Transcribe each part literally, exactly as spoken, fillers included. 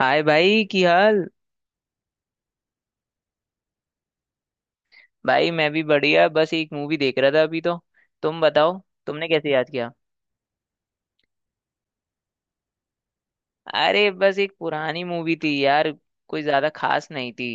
हाय भाई की हाल। भाई मैं भी बढ़िया, बस एक मूवी देख रहा था अभी तो। तुम बताओ। तुमने कैसे याद किया? अरे बस एक पुरानी मूवी थी यार, कोई ज्यादा खास नहीं थी।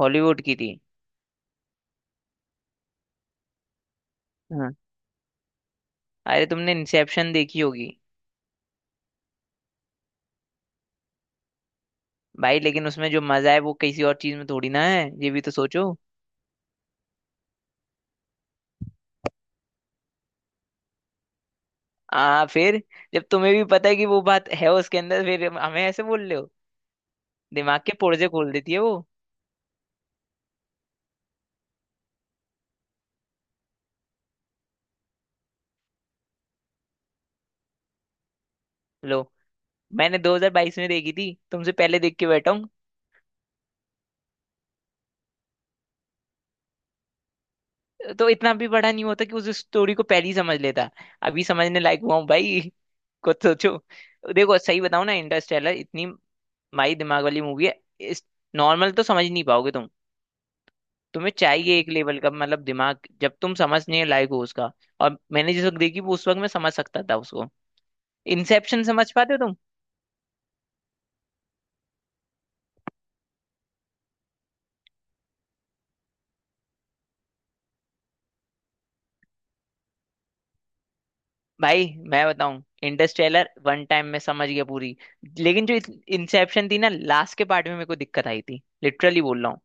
हॉलीवुड की थी। हाँ, अरे तुमने इंसेप्शन देखी होगी। भाई लेकिन उसमें जो मजा है वो किसी और चीज में थोड़ी ना है, ये भी तो सोचो। आ फिर जब तुम्हें भी पता है कि वो बात है उसके अंदर, फिर हमें ऐसे बोल रहे हो। दिमाग के पुर्जे खोल देती है वो। लो, मैंने दो हज़ार बाईस में देखी थी, तुमसे पहले देख के बैठा हूँ। तो इतना भी बड़ा नहीं होता कि उस स्टोरी को पहले ही समझ लेता। अभी समझने लायक हुआ हूँ भाई, कुछ सोचो। देखो सही बताऊँ ना, इंटरस्टेलर इतनी माई दिमाग वाली मूवी है। इस नॉर्मल तो समझ नहीं पाओगे तुम। तुम्हें चाहिए एक लेवल का मतलब दिमाग, जब तुम समझने लायक हो उसका। और मैंने जिस वक्त देखी वो, उस वक्त मैं समझ सकता था उसको। इंसेप्शन समझ पाते हो तुम? भाई मैं बताऊं, इंटरस्टेलर वन टाइम में समझ गया पूरी। लेकिन जो इंसेप्शन थी ना, लास्ट के पार्ट में मेरे को दिक्कत आई थी, लिटरली बोल रहा हूँ।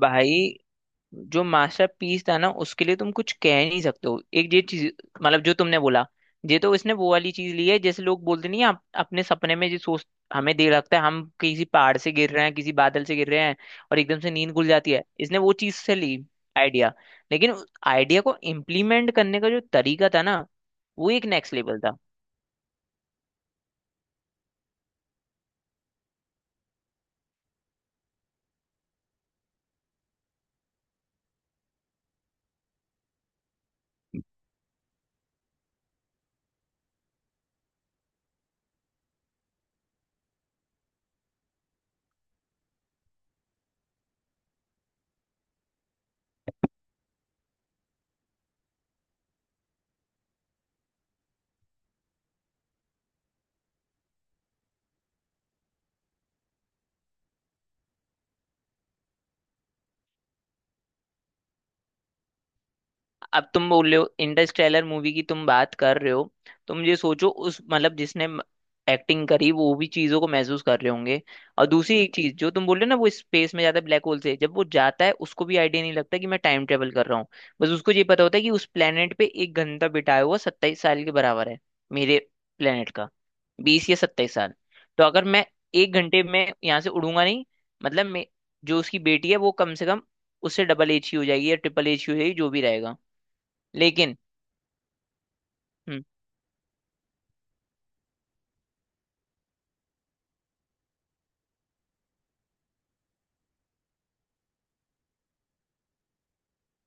भाई जो मास्टर पीस था ना, उसके लिए तुम कुछ कह नहीं सकते हो। एक ये चीज मतलब जो तुमने बोला, ये तो इसने वो वाली चीज ली है। जैसे लोग बोलते नहीं हैं, आप अपने सपने में ये सोच, हमें देर लगता है, हम किसी पहाड़ से गिर रहे हैं, किसी बादल से गिर रहे हैं, और एकदम से नींद खुल जाती है। इसने वो चीज से ली आइडिया। लेकिन आइडिया को इम्प्लीमेंट करने का जो तरीका था ना, वो एक नेक्स्ट लेवल था। अब तुम बोल रहे हो इंटरस्टेलर मूवी की तुम बात कर रहे हो, तो मुझे सोचो उस मतलब जिसने एक्टिंग करी, वो भी चीजों को महसूस कर रहे होंगे। और दूसरी एक चीज जो तुम बोल रहे हो ना, वो स्पेस में जाता है ब्लैक होल से, जब वो जाता है उसको भी आइडिया नहीं लगता कि मैं टाइम ट्रेवल कर रहा हूँ। बस उसको ये पता होता है कि उस प्लेनेट पे एक घंटा बिताया हुआ सत्ताईस साल के बराबर है मेरे प्लेनेट का। बीस या सत्ताईस साल। तो अगर मैं एक घंटे में यहाँ से उड़ूंगा नहीं, मतलब मे- जो उसकी बेटी है वो कम से कम उससे डबल एज ही हो जाएगी, या ट्रिपल एज ही हो जाएगी, जो भी रहेगा। लेकिन हम्म,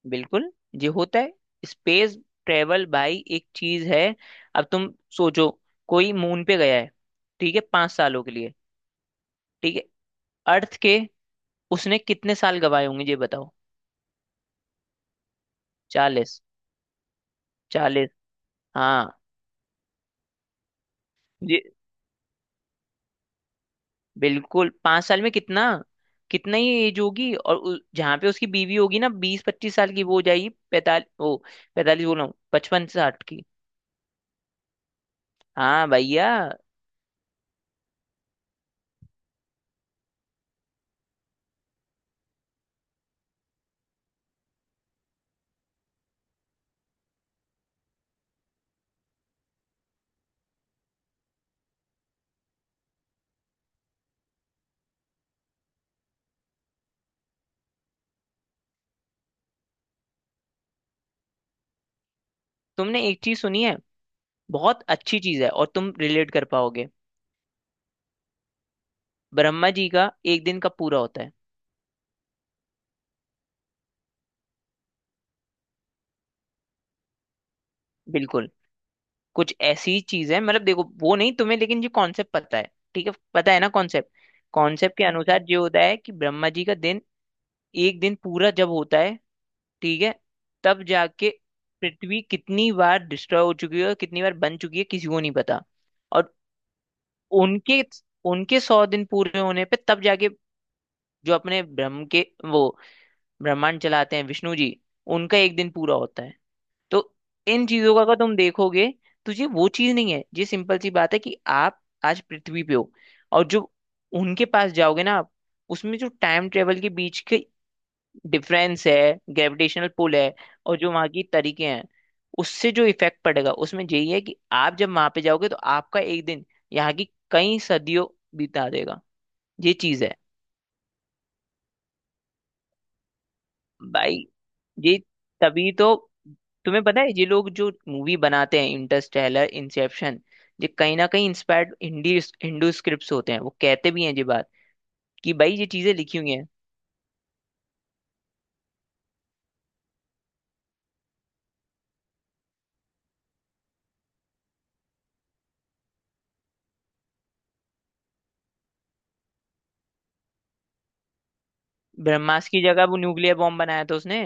बिल्कुल, ये होता है। स्पेस ट्रेवल भाई एक चीज है। अब तुम सोचो, कोई मून पे गया है, ठीक है, पांच सालों के लिए। ठीक है, अर्थ के उसने कितने साल गवाए होंगे ये बताओ? चालीस। चालीस, हाँ। ये बिल्कुल, पांच साल में कितना, कितना ही एज होगी, और उ- जहाँ पे उसकी बीवी होगी ना, बीस पच्चीस साल की, वो हो जाएगी पैतालीस। ओ पैतालीस बोल रहा हूँ, पचपन साठ की। हाँ भैया। तुमने एक चीज सुनी है? बहुत अच्छी चीज है और तुम रिलेट कर पाओगे। ब्रह्मा जी का एक दिन का पूरा होता है। बिल्कुल, कुछ ऐसी चीज है। मतलब देखो वो नहीं तुम्हें, लेकिन ये कॉन्सेप्ट पता है? ठीक है, पता है ना कॉन्सेप्ट। कॉन्सेप्ट के अनुसार ये होता है कि ब्रह्मा जी का दिन, एक दिन पूरा जब होता है, ठीक है, तब जाके पृथ्वी कितनी बार डिस्ट्रॉय हो चुकी है और कितनी बार बन चुकी है किसी को नहीं पता। और उनके, उनके सौ दिन पूरे होने पे तब जाके, जो अपने ब्रह्म के वो ब्रह्मांड चलाते हैं विष्णु जी, उनका एक दिन पूरा होता है। तो इन चीजों का अगर तुम देखोगे, तो ये वो चीज नहीं है, ये सिंपल सी बात है कि आप आज पृथ्वी पे हो, और जो उनके पास जाओगे ना आप, उसमें जो टाइम ट्रेवल के बीच के डिफरेंस है, ग्रेविटेशनल पुल है, और जो वहाँ की तरीके हैं, उससे जो इफेक्ट पड़ेगा, उसमें यही है कि आप जब वहां पे जाओगे तो आपका एक दिन यहाँ की कई सदियों बिता देगा। ये चीज है भाई। ये तभी तो तुम्हें पता है, ये लोग जो मूवी बनाते हैं इंटरस्टेलर इंसेप्शन, ये कहीं ना कहीं इंस्पायर्ड हिंदी, हिंदू स्क्रिप्ट्स होते हैं। वो कहते भी हैं ये बात, कि भाई ये चीजें लिखी हुई हैं। ब्रह्मास्त्र की जगह वो न्यूक्लियर बॉम्ब बनाया था उसने।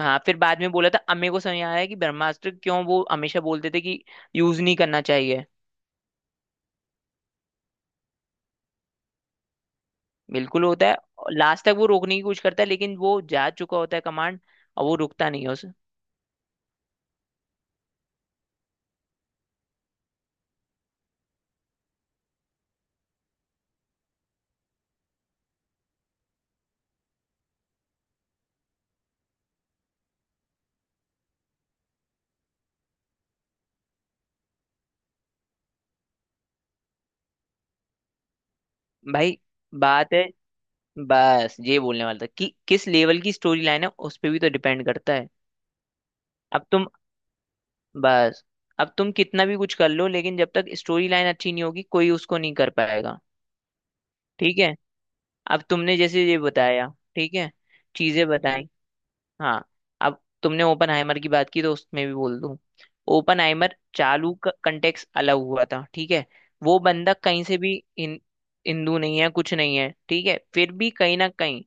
हाँ, फिर बाद में बोला था अम्मे को समझ आया कि ब्रह्मास्त्र क्यों वो हमेशा बोलते थे कि यूज नहीं करना चाहिए। बिल्कुल होता है। लास्ट तक वो रोकने की कोशिश करता है, लेकिन वो जा चुका होता है कमांड, और वो रुकता नहीं है उस। भाई बात है, बस ये बोलने वाला था कि किस लेवल की स्टोरी लाइन है उस पे भी तो डिपेंड करता है। अब तुम बस, अब तुम कितना भी कुछ कर लो, लेकिन जब तक स्टोरी लाइन अच्छी नहीं होगी कोई उसको नहीं कर पाएगा। ठीक है, अब तुमने जैसे ये बताया, ठीक है, चीजें बताई, हाँ। अब तुमने ओपन हाइमर की बात की तो उसमें भी बोल दूं, ओपन हाइमर चालू का कंटेक्स अलग हुआ था, ठीक है। वो बंदा कहीं से भी इन हिंदू नहीं है, कुछ नहीं है, ठीक है, फिर भी कहीं ना कहीं,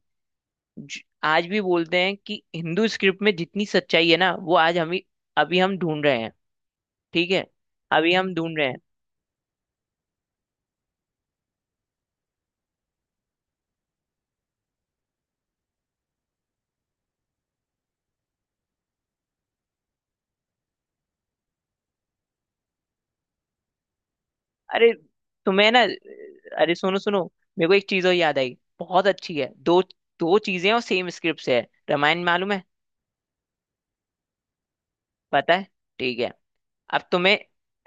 ज- आज भी बोलते हैं कि हिंदू स्क्रिप्ट में जितनी सच्चाई है ना वो आज हम, अभी हम ढूंढ रहे हैं। ठीक है, अभी हम ढूंढ रहे हैं। अरे तुम्हें ना, अरे सुनो सुनो, मेरे को एक चीज और याद आई बहुत अच्छी है। दो, दो चीजें और सेम स्क्रिप्ट से है। रामायण मालूम है? पता है, ठीक है। अब तुम्हें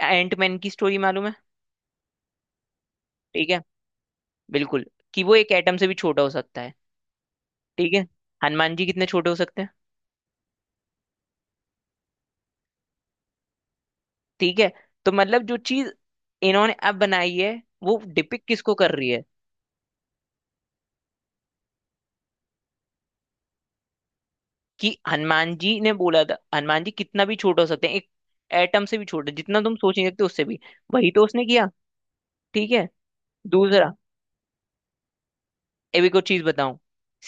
एंटमैन की स्टोरी मालूम है? ठीक है, बिल्कुल, कि वो एक एटम से भी छोटा हो सकता है। ठीक है, हनुमान जी कितने छोटे हो सकते हैं? ठीक है, तो मतलब जो चीज इन्होंने अब बनाई है, वो डिपिक्ट किसको कर रही है? कि हनुमान जी ने बोला था, हनुमान जी कितना भी छोटा हो सकते हैं, एक एटम से भी छोटे, जितना तुम सोच नहीं सकते उससे भी। वही तो उसने किया। ठीक है, दूसरा, अभी को चीज बताऊं,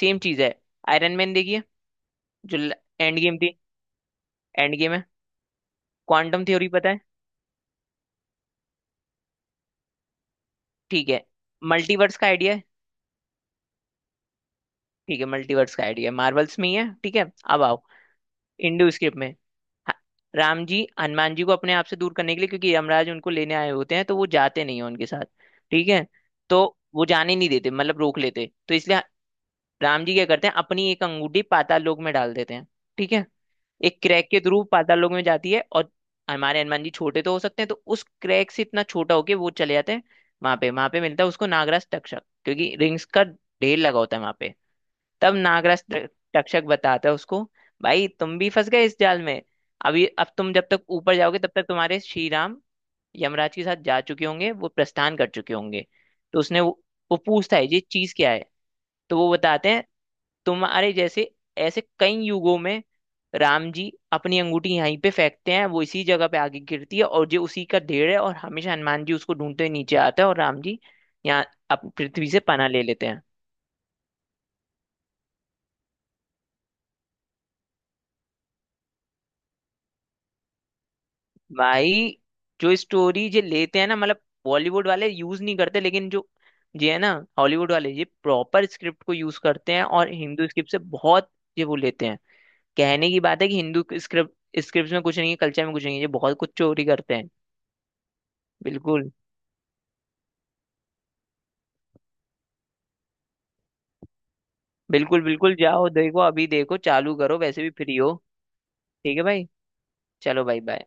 सेम चीज है। आयरन मैन देखिए। जो एंड गेम थी, एंड गेम है, क्वांटम थ्योरी पता है? ठीक है, मल्टीवर्स का आइडिया है। ठीक है, मल्टीवर्स का आइडिया मार्वल्स में ही है, ठीक है। अब आओ इंडो स्क्रिप्ट में। ह- राम जी हनुमान जी को अपने आप से दूर करने के लिए, क्योंकि यमराज उनको लेने आए होते हैं तो वो जाते नहीं है उनके साथ, ठीक है, तो वो जाने नहीं देते, मतलब रोक लेते तो, इसलिए राम जी क्या करते हैं, अपनी एक अंगूठी पाताल लोक में डाल देते हैं। ठीक है, एक क्रैक के थ्रू पाताल लोक में जाती है, और हमारे हनुमान जी छोटे तो हो सकते हैं तो उस क्रैक से इतना छोटा होके वो चले जाते हैं। वहां पे, वहां पे मिलता है उसको नागराज तक्षक, क्योंकि रिंग्स का ढेर लगा होता है वहां पे। तब नागराज त- तक्षक बताता है उसको, भाई तुम भी फंस गए इस जाल में। अभी अब तुम जब तक ऊपर जाओगे तब तक तुम्हारे श्री राम यमराज के साथ जा चुके होंगे, वो प्रस्थान कर चुके होंगे। तो उसने वो, वो पूछता है ये चीज क्या है, तो वो बताते हैं, तुम्हारे जैसे ऐसे कई युगों में राम जी अपनी अंगूठी यहीं पे फेंकते हैं, वो इसी जगह पे आगे गिरती है, और ये उसी का ढेर है, और हमेशा हनुमान जी उसको ढूंढते हुए नीचे आते हैं और राम जी यहाँ अप- पृथ्वी से पनाह ले लेते हैं। भाई जो स्टोरी ये लेते हैं ना, मतलब बॉलीवुड वाले यूज नहीं करते, लेकिन जो ये है ना, हॉलीवुड वाले ये प्रॉपर स्क्रिप्ट को यूज करते हैं, और हिंदू स्क्रिप्ट से बहुत ये वो लेते हैं। कहने की बात है कि हिंदू स्क्रिप्ट, स्क्रिप्ट में कुछ नहीं है, कल्चर में कुछ नहीं है, ये बहुत कुछ चोरी करते हैं। बिल्कुल, बिल्कुल, बिल्कुल, जाओ देखो अभी, देखो चालू करो, वैसे भी फ्री हो। ठीक है भाई, चलो भाई, बाय।